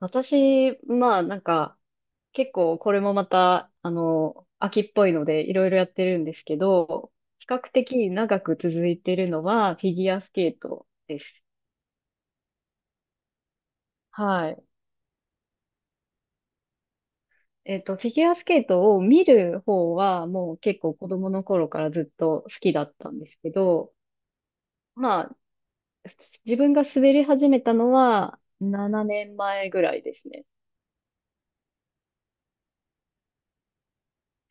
私、まあなんか、結構これもまた、秋っぽいのでいろいろやってるんですけど、比較的長く続いてるのはフィギュアスケートです。はい。フィギュアスケートを見る方はもう結構子供の頃からずっと好きだったんですけど、まあ自分が滑り始めたのは7年前ぐらいですね。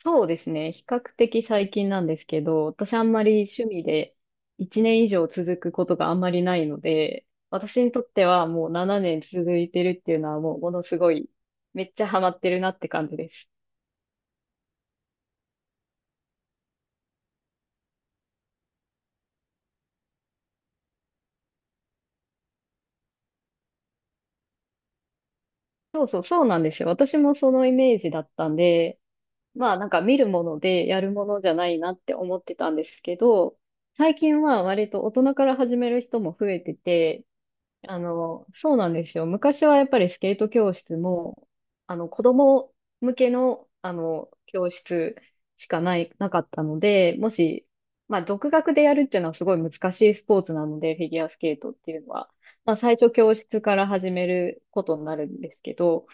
そうですね。比較的最近なんですけど、私あんまり趣味で1年以上続くことがあんまりないので、私にとってはもう7年続いてるっていうのはもうものすごい、めっちゃハマってるなって感じです。そうそう、そうなんですよ。私もそのイメージだったんで、まあなんか見るものでやるものじゃないなって思ってたんですけど、最近は割と大人から始める人も増えてて、そうなんですよ。昔はやっぱりスケート教室も、子供向けの、教室しかない、なかったので、もし、まあ、独学でやるっていうのはすごい難しいスポーツなので、フィギュアスケートっていうのは。まあ、最初教室から始めることになるんですけど、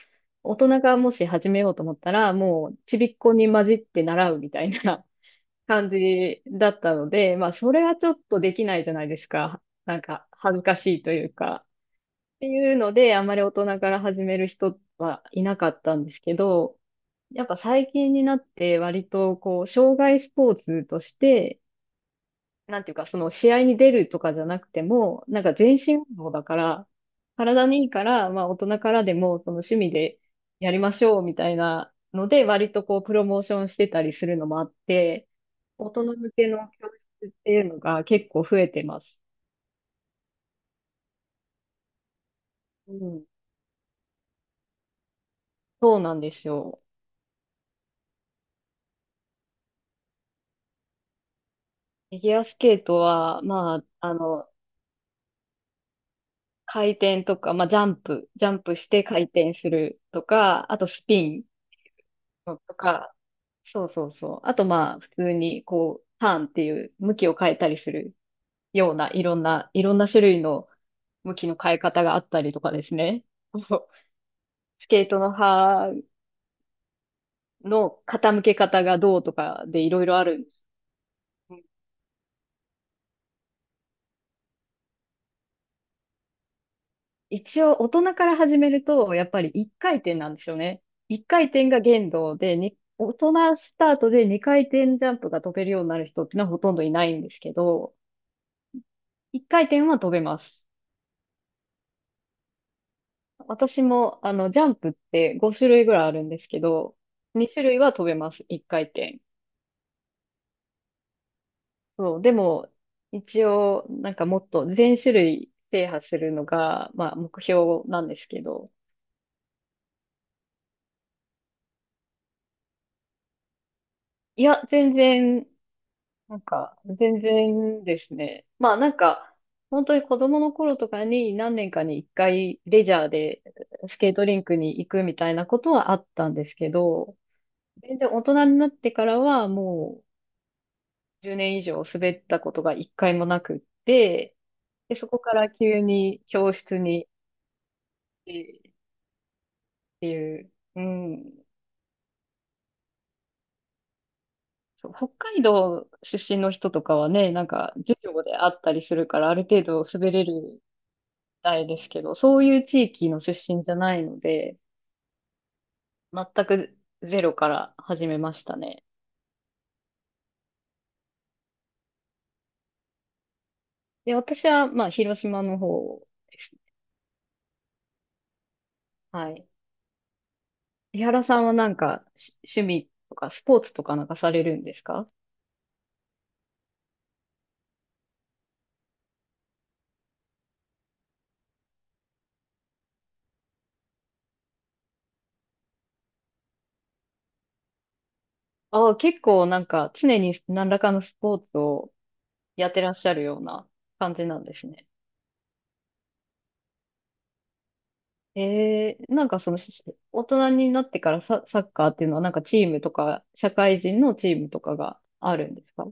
大人がもし始めようと思ったら、もう、ちびっこに混じって習うみたいな 感じだったので、まあ、それはちょっとできないじゃないですか。なんか、恥ずかしいというか。ていうので、あまり大人から始める人はいなかったんですけど、やっぱ最近になって割とこう、障害スポーツとして、なんていうかその試合に出るとかじゃなくても、なんか全身運動だから、体にいいから、まあ大人からでもその趣味でやりましょうみたいなので、割とこうプロモーションしてたりするのもあって、大人向けの教室っていうのが結構増えてます。うん。そうなんですよ。フィギュアスケートは、まあ、回転とか、まあ、ジャンプして回転するとか、あとスピンのとか、そうそうそう。あと、まあ、普通に、こう、ターンっていう向きを変えたりするような、いろんな種類の向きの変え方があったりとかですね。そうスケートの刃の傾け方がどうとかでいろいろある。一応大人から始めると、やっぱり1回転なんですよね。1回転が限度で、に大人スタートで2回転ジャンプが飛べるようになる人ってのはほとんどいないんですけど、1回転は飛べます。私も、ジャンプって5種類ぐらいあるんですけど、2種類は飛べます、1回転。そう、でも、一応、なんかもっと全種類制覇するのが、まあ、目標なんですけど、いや、全然なんか、全然ですね。まあなんか、本当に子供の頃とかに何年かに一回レジャーでスケートリンクに行くみたいなことはあったんですけど、全然大人になってからはもう10年以上滑ったことが一回もなくって、で、そこから急に教室に行ってっていう、うん。そう北海道出身の人とかはね、なんか授業であったりするからある程度滑れるたいですけど、そういう地域の出身じゃないので、全くゼロから始めましたね。で、私は、まあ、広島の方ですね。はい。井原さんはなんか、趣味とか、スポーツとかなんかされるんですか？ああ、結構なんか、常に何らかのスポーツをやってらっしゃるような感じなんですね。えー、なんかその、大人になってからサッカーっていうのはなんかチームとか、社会人のチームとかがあるんですか？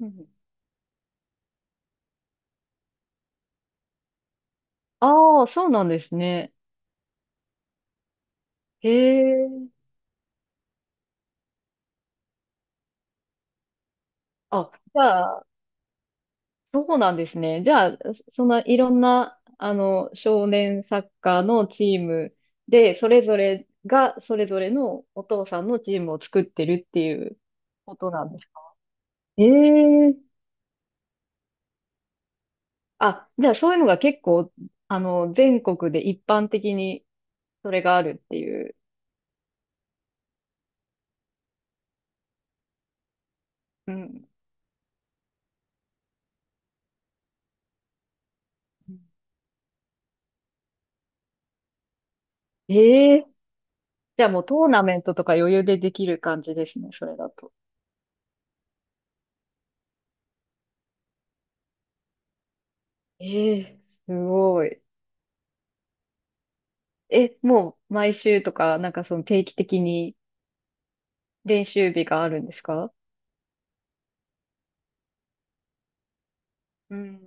うん。ああ、そうなんですね。へえ。あ、じゃあ、そうなんですね。じゃあ、そんないろんな、少年サッカーのチームで、それぞれが、それぞれのお父さんのチームを作ってるっていうことなんですか？へえ。あ、じゃあ、そういうのが結構、全国で一般的にそれがあるっていう。うん。ええ、じゃあもうトーナメントとか余裕でできる感じですね、それだと。ええ、すごい。え、もう毎週とか、なんかその定期的に練習日があるんですか？うん。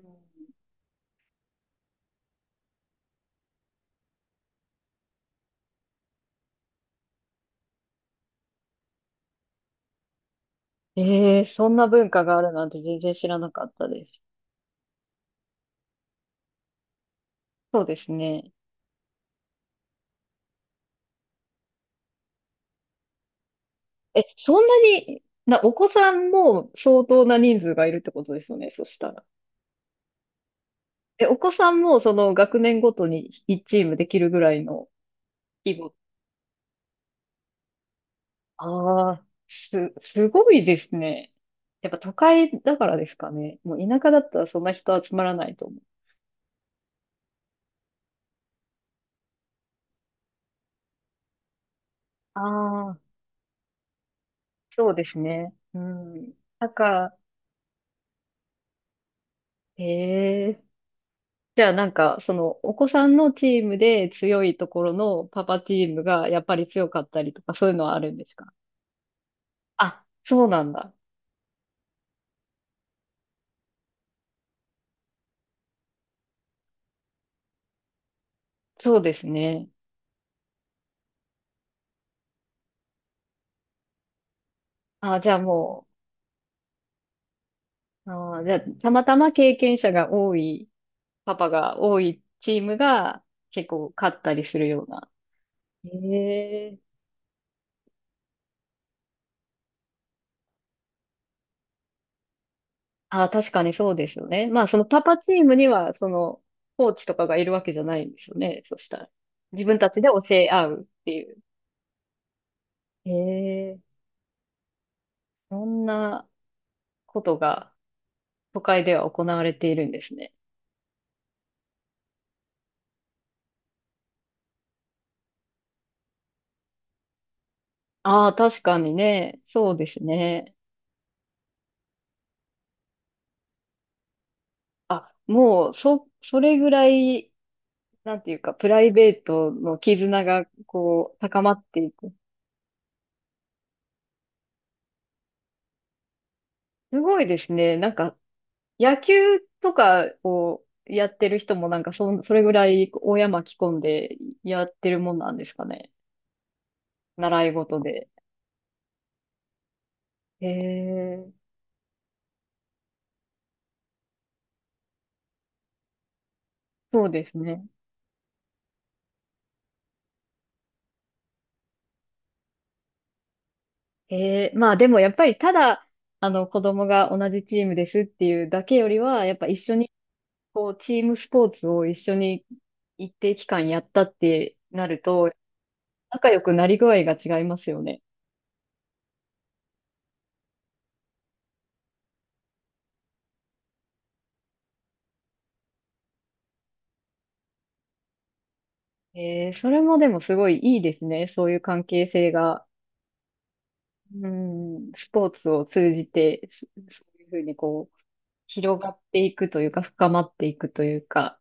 ええ、そんな文化があるなんて全然知らなかったです。そうですね。え、そんなに、お子さんも相当な人数がいるってことですよね、そしたら。え、お子さんもその学年ごとに1チームできるぐらいの規模。ああ、すごいですね。やっぱ都会だからですかね。もう田舎だったらそんな人集まらないと思う。あ、そうですね。うん。なんか、ええ、じゃあなんか、その、お子さんのチームで強いところのパパチームがやっぱり強かったりとか、そういうのはあるんですか？あ、そうなんだ。そうですね。あ、じゃあもう、あじゃあ、たまたま経験者が多い、パパが多いチームが結構勝ったりするような。へえ。ああ、確かにそうですよね。まあ、そのパパチームには、その、コーチとかがいるわけじゃないんですよね。そしたら。自分たちで教え合うっていう。へえ、そんなことが都会では行われているんですね。ああ、確かにね。そうですね。あ、もう、それぐらい、なんていうか、プライベートの絆が、こう、高まっていく。すごいですね。なんか、野球とかやってる人もなんかそれぐらい親巻き込んでやってるもんなんですかね。習い事で。へえ、そうですね。へえ、まあでもやっぱりただ、あの子供が同じチームですっていうだけよりは、やっぱ一緒にこうチームスポーツを一緒に一定期間やったってなると、仲良くなり具合が違いますよね。えー、それもでもすごいいいですね。そういう関係性が。うん、スポーツを通じて、そういうふうにこう、広がっていくというか、深まっていくというか、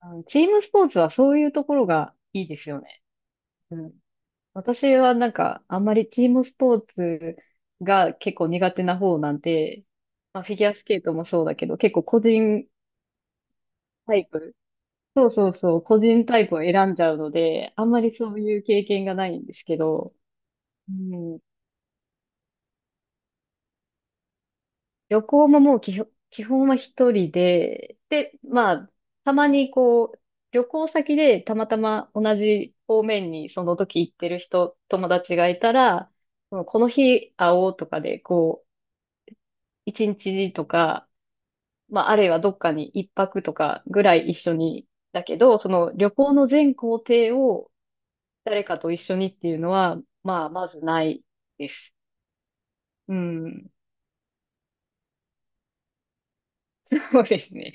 あのチームスポーツはそういうところがいいですよね。うん。私はなんか、あんまりチームスポーツが結構苦手な方なんで、まあ、フィギュアスケートもそうだけど、結構個人タイプ、そうそうそう、個人タイプを選んじゃうので、あんまりそういう経験がないんですけど、うん、旅行ももう基本、基本は一人で、で、まあ、たまにこう、旅行先でたまたま同じ方面にその時行ってる人、友達がいたら、そのこの日会おうとかで、こう、一日とか、まあ、あるいはどっかに一泊とかぐらい一緒に、だけど、その旅行の全行程を誰かと一緒にっていうのは、まあ、まずないです。うん、そうですね。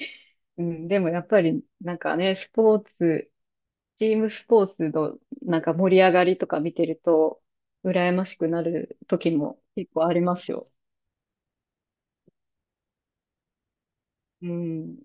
うん、でもやっぱり、なんかね、スポーツ、チームスポーツのなんか盛り上がりとか見てると、羨ましくなる時も結構ありますよ。うん。